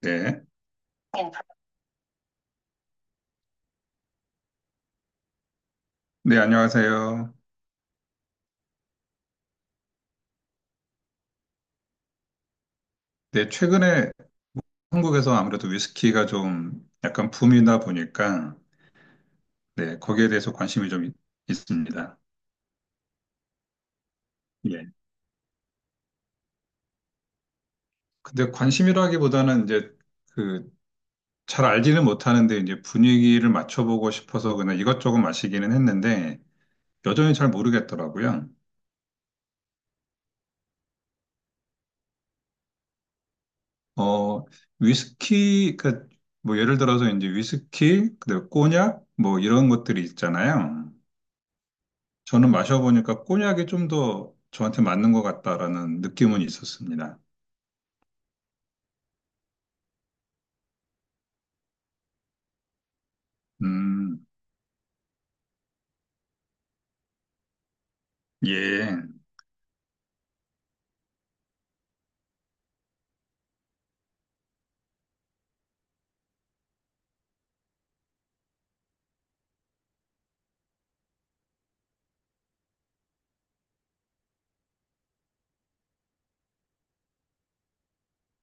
네. 네, 안녕하세요. 네, 최근에 한국에서 아무래도 위스키가 좀 약간 붐이다 보니까, 네, 거기에 대해서 관심이 좀 있습니다. 예. 근데 관심이라기보다는 이제 그 잘 알지는 못하는데 이제 분위기를 맞춰보고 싶어서 그냥 이것저것 마시기는 했는데, 여전히 잘 모르겠더라고요. 어, 위스키, 그, 뭐 예를 들어서 이제 위스키, 그다음에 꼬냑, 뭐 이런 것들이 있잖아요. 저는 마셔보니까 꼬냑이 좀 더 저한테 맞는 것 같다라는 느낌은 있었습니다. 음, 예.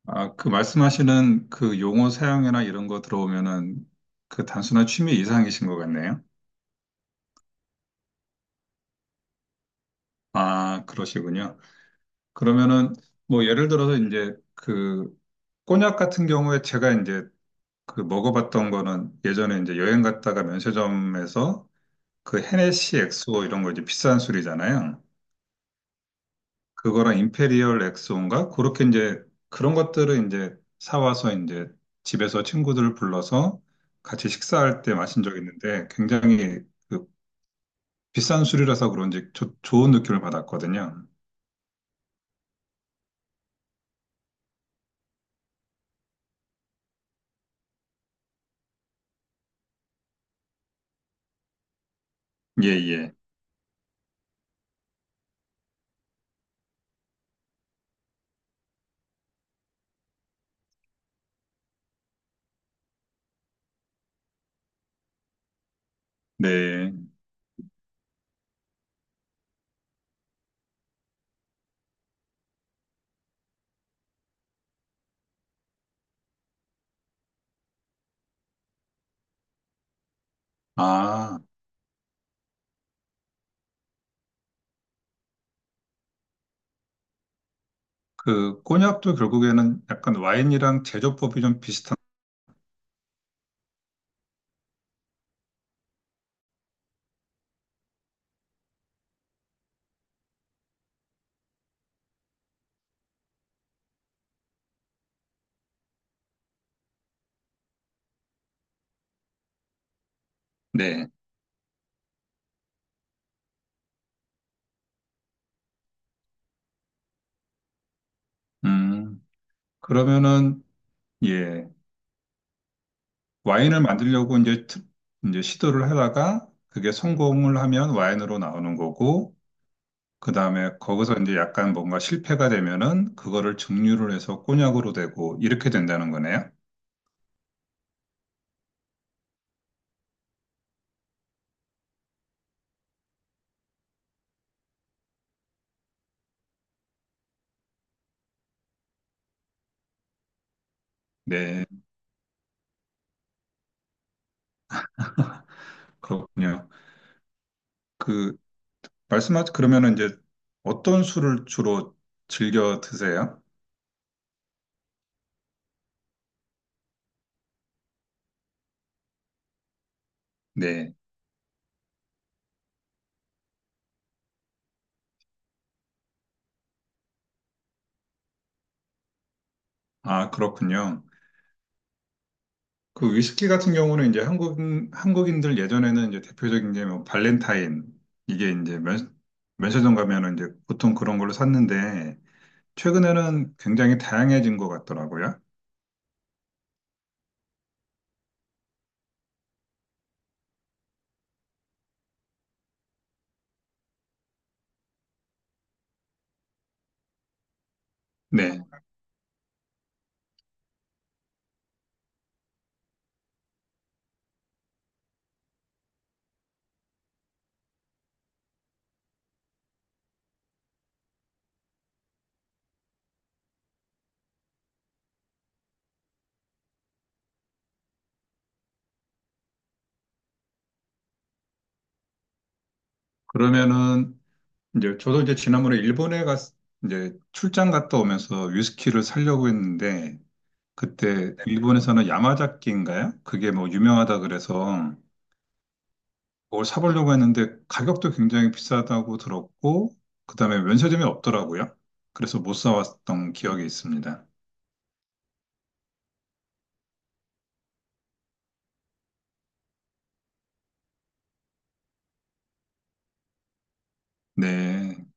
아, 그 말씀하시는 그 용어 사용이나 이런 거 들어오면은 그 단순한 취미 이상이신 것 같네요. 아, 그러시군요. 그러면은 뭐 예를 들어서 이제 그 꼬냑 같은 경우에 제가 이제 그 먹어봤던 거는 예전에 이제 여행 갔다가 면세점에서 그 헤네시 엑소 이런 거 이제 비싼 술이잖아요. 그거랑 임페리얼 엑스온가 그렇게 이제 그런 것들을 이제 사와서 이제 집에서 친구들을 불러서 같이 식사할 때 마신 적이 있는데 굉장히 그 비싼 술이라서 그런지 좋은 느낌을 받았거든요. 예, 예. 네. 아, 그 꼬냑도 결국에는 약간 와인이랑 제조법이 좀 비슷한. 네. 음. 그러면은 예. 와인을 만들려고 이제 이제 시도를 하다가 그게 성공을 하면 와인으로 나오는 거고 그 다음에 거기서 이제 약간 뭔가 실패가 되면은 그거를 증류를 해서 꼬냑으로 되고 이렇게 된다는 거네요. 네, 그렇군요. 그 말씀하신 그러면은 이제 어떤 술을 주로 즐겨 드세요? 네, 아 그렇군요. 그 위스키 같은 경우는 이제 한국인들 예전에는 이제 대표적인 게 뭐 발렌타인 이게 이제 면 면세점 가면은 이제 보통 그런 걸로 샀는데 최근에는 굉장히 다양해진 것 같더라고요. 네, 그러면은 이제 저도 이제 지난번에 일본에 이제 출장 갔다 오면서 위스키를 사려고 했는데, 그때 일본에서는 야마자키인가요? 그게 뭐 유명하다 그래서 그걸 사보려고 했는데 가격도 굉장히 비싸다고 들었고, 그다음에 면세점이 없더라고요. 그래서 못 사왔던 기억이 있습니다. 네,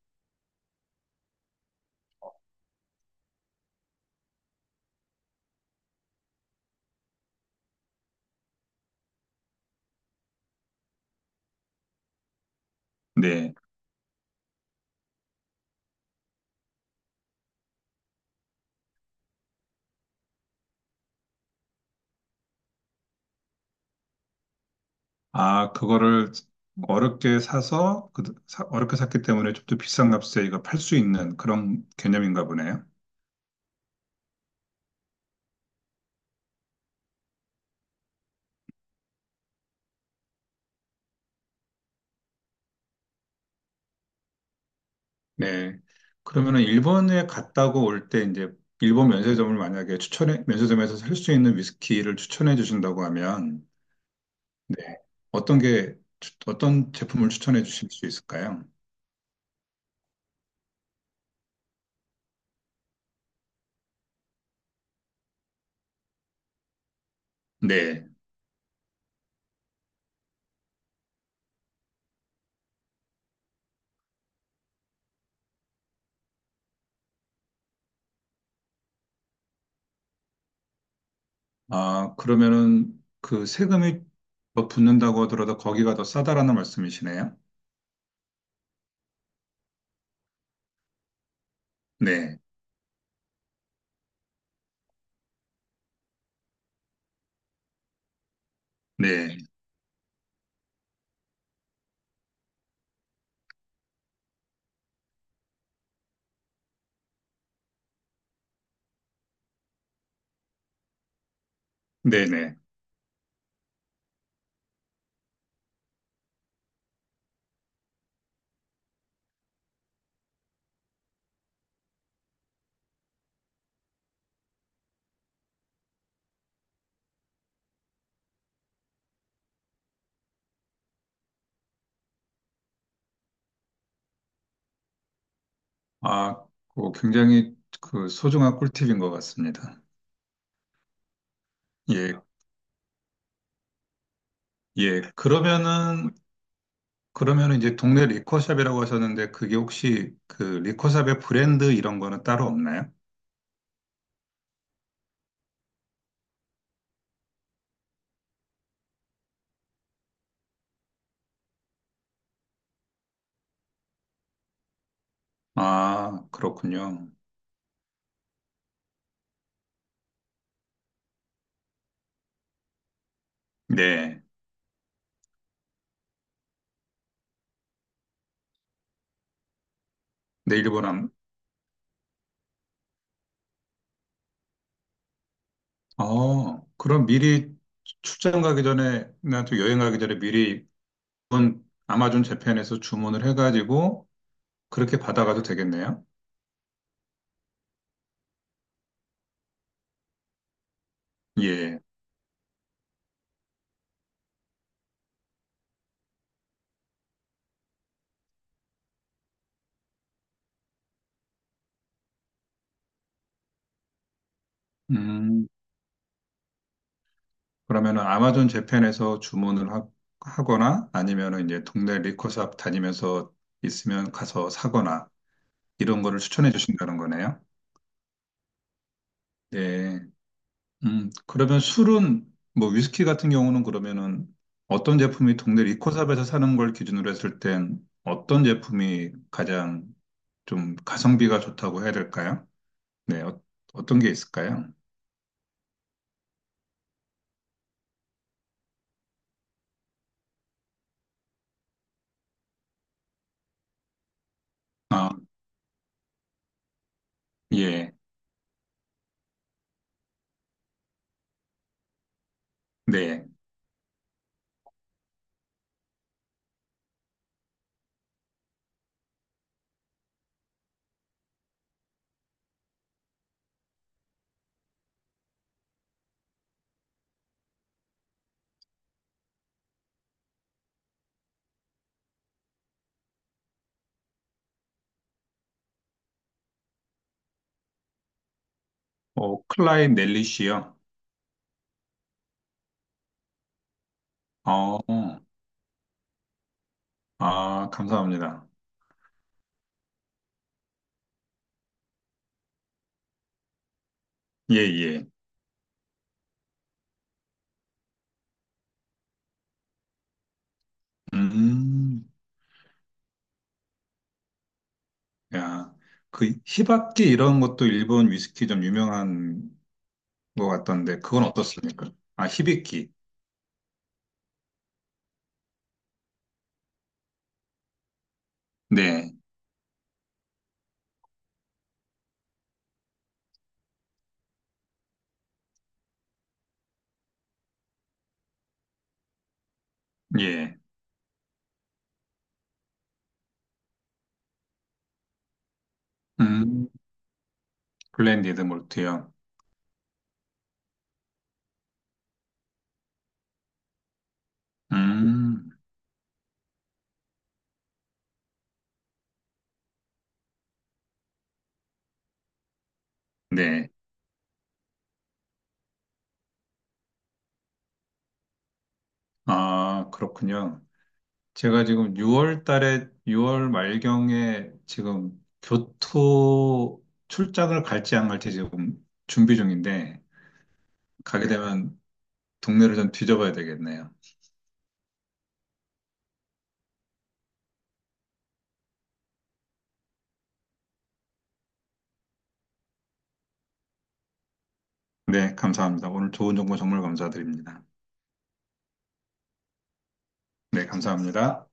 네. 아, 그거를 어렵게 사서, 어렵게 샀기 때문에 좀 더 비싼 값에 이거 팔 수 있는 그런 개념인가 보네요. 네. 그러면은 일본에 갔다고 올 때 이제 일본 면세점을 만약에 면세점에서 살 수 있는 위스키를 추천해 주신다고 하면, 네. 어떤 제품을 추천해 주실 수 있을까요? 네. 아, 그러면은 그 세금이 더 붙는다고 하더라도 거기가 더 싸다라는 말씀이시네요. 네. 네. 네네. 아, 그 굉장히 그 소중한 꿀팁인 것 같습니다. 예. 예. 그러면은 그러면 이제 동네 리커샵이라고 하셨는데 그게 혹시 그 리커샵의 브랜드 이런 거는 따로 없나요? 아, 그렇군요. 네. 네, 일본 안, 어, 그럼 미리 출장 가기 전에, 나또 여행 가기 전에 미리 일본 아마존 재팬에서 주문을 해가지고 그렇게 받아가도 되겠네요. 예. 음, 그러면은 아마존 재팬에서 주문을 하거나 아니면은 이제 동네 리코샵 다니면서 있으면 가서 사거나 이런 거를 추천해 주신다는 거네요. 네. 그러면 술은, 뭐, 위스키 같은 경우는 그러면은 어떤 제품이 동네 리코샵에서 사는 걸 기준으로 했을 땐 어떤 제품이 가장 좀 가성비가 좋다고 해야 될까요? 네. 어떤 게 있을까요? 아, 예. 네. 클라인 넬리시요? 어, 감사합니다. 예, 예. 음, 야. 그, 히바키 이런 것도 일본 위스키 좀 유명한 것 같던데, 그건 어떻습니까? 아, 히비키. 네, 예. 음, 블렌디드 몰트요. 음, 네. 아, 그렇군요. 제가 지금 6월 달에, 6월 말경에 지금 교토 출장을 갈지 안 갈지 지금 준비 중인데, 가게 네. 되면 동네를 좀 뒤져봐야 되겠네요. 네, 감사합니다. 오늘 좋은 정보 정말 감사드립니다. 네, 감사합니다.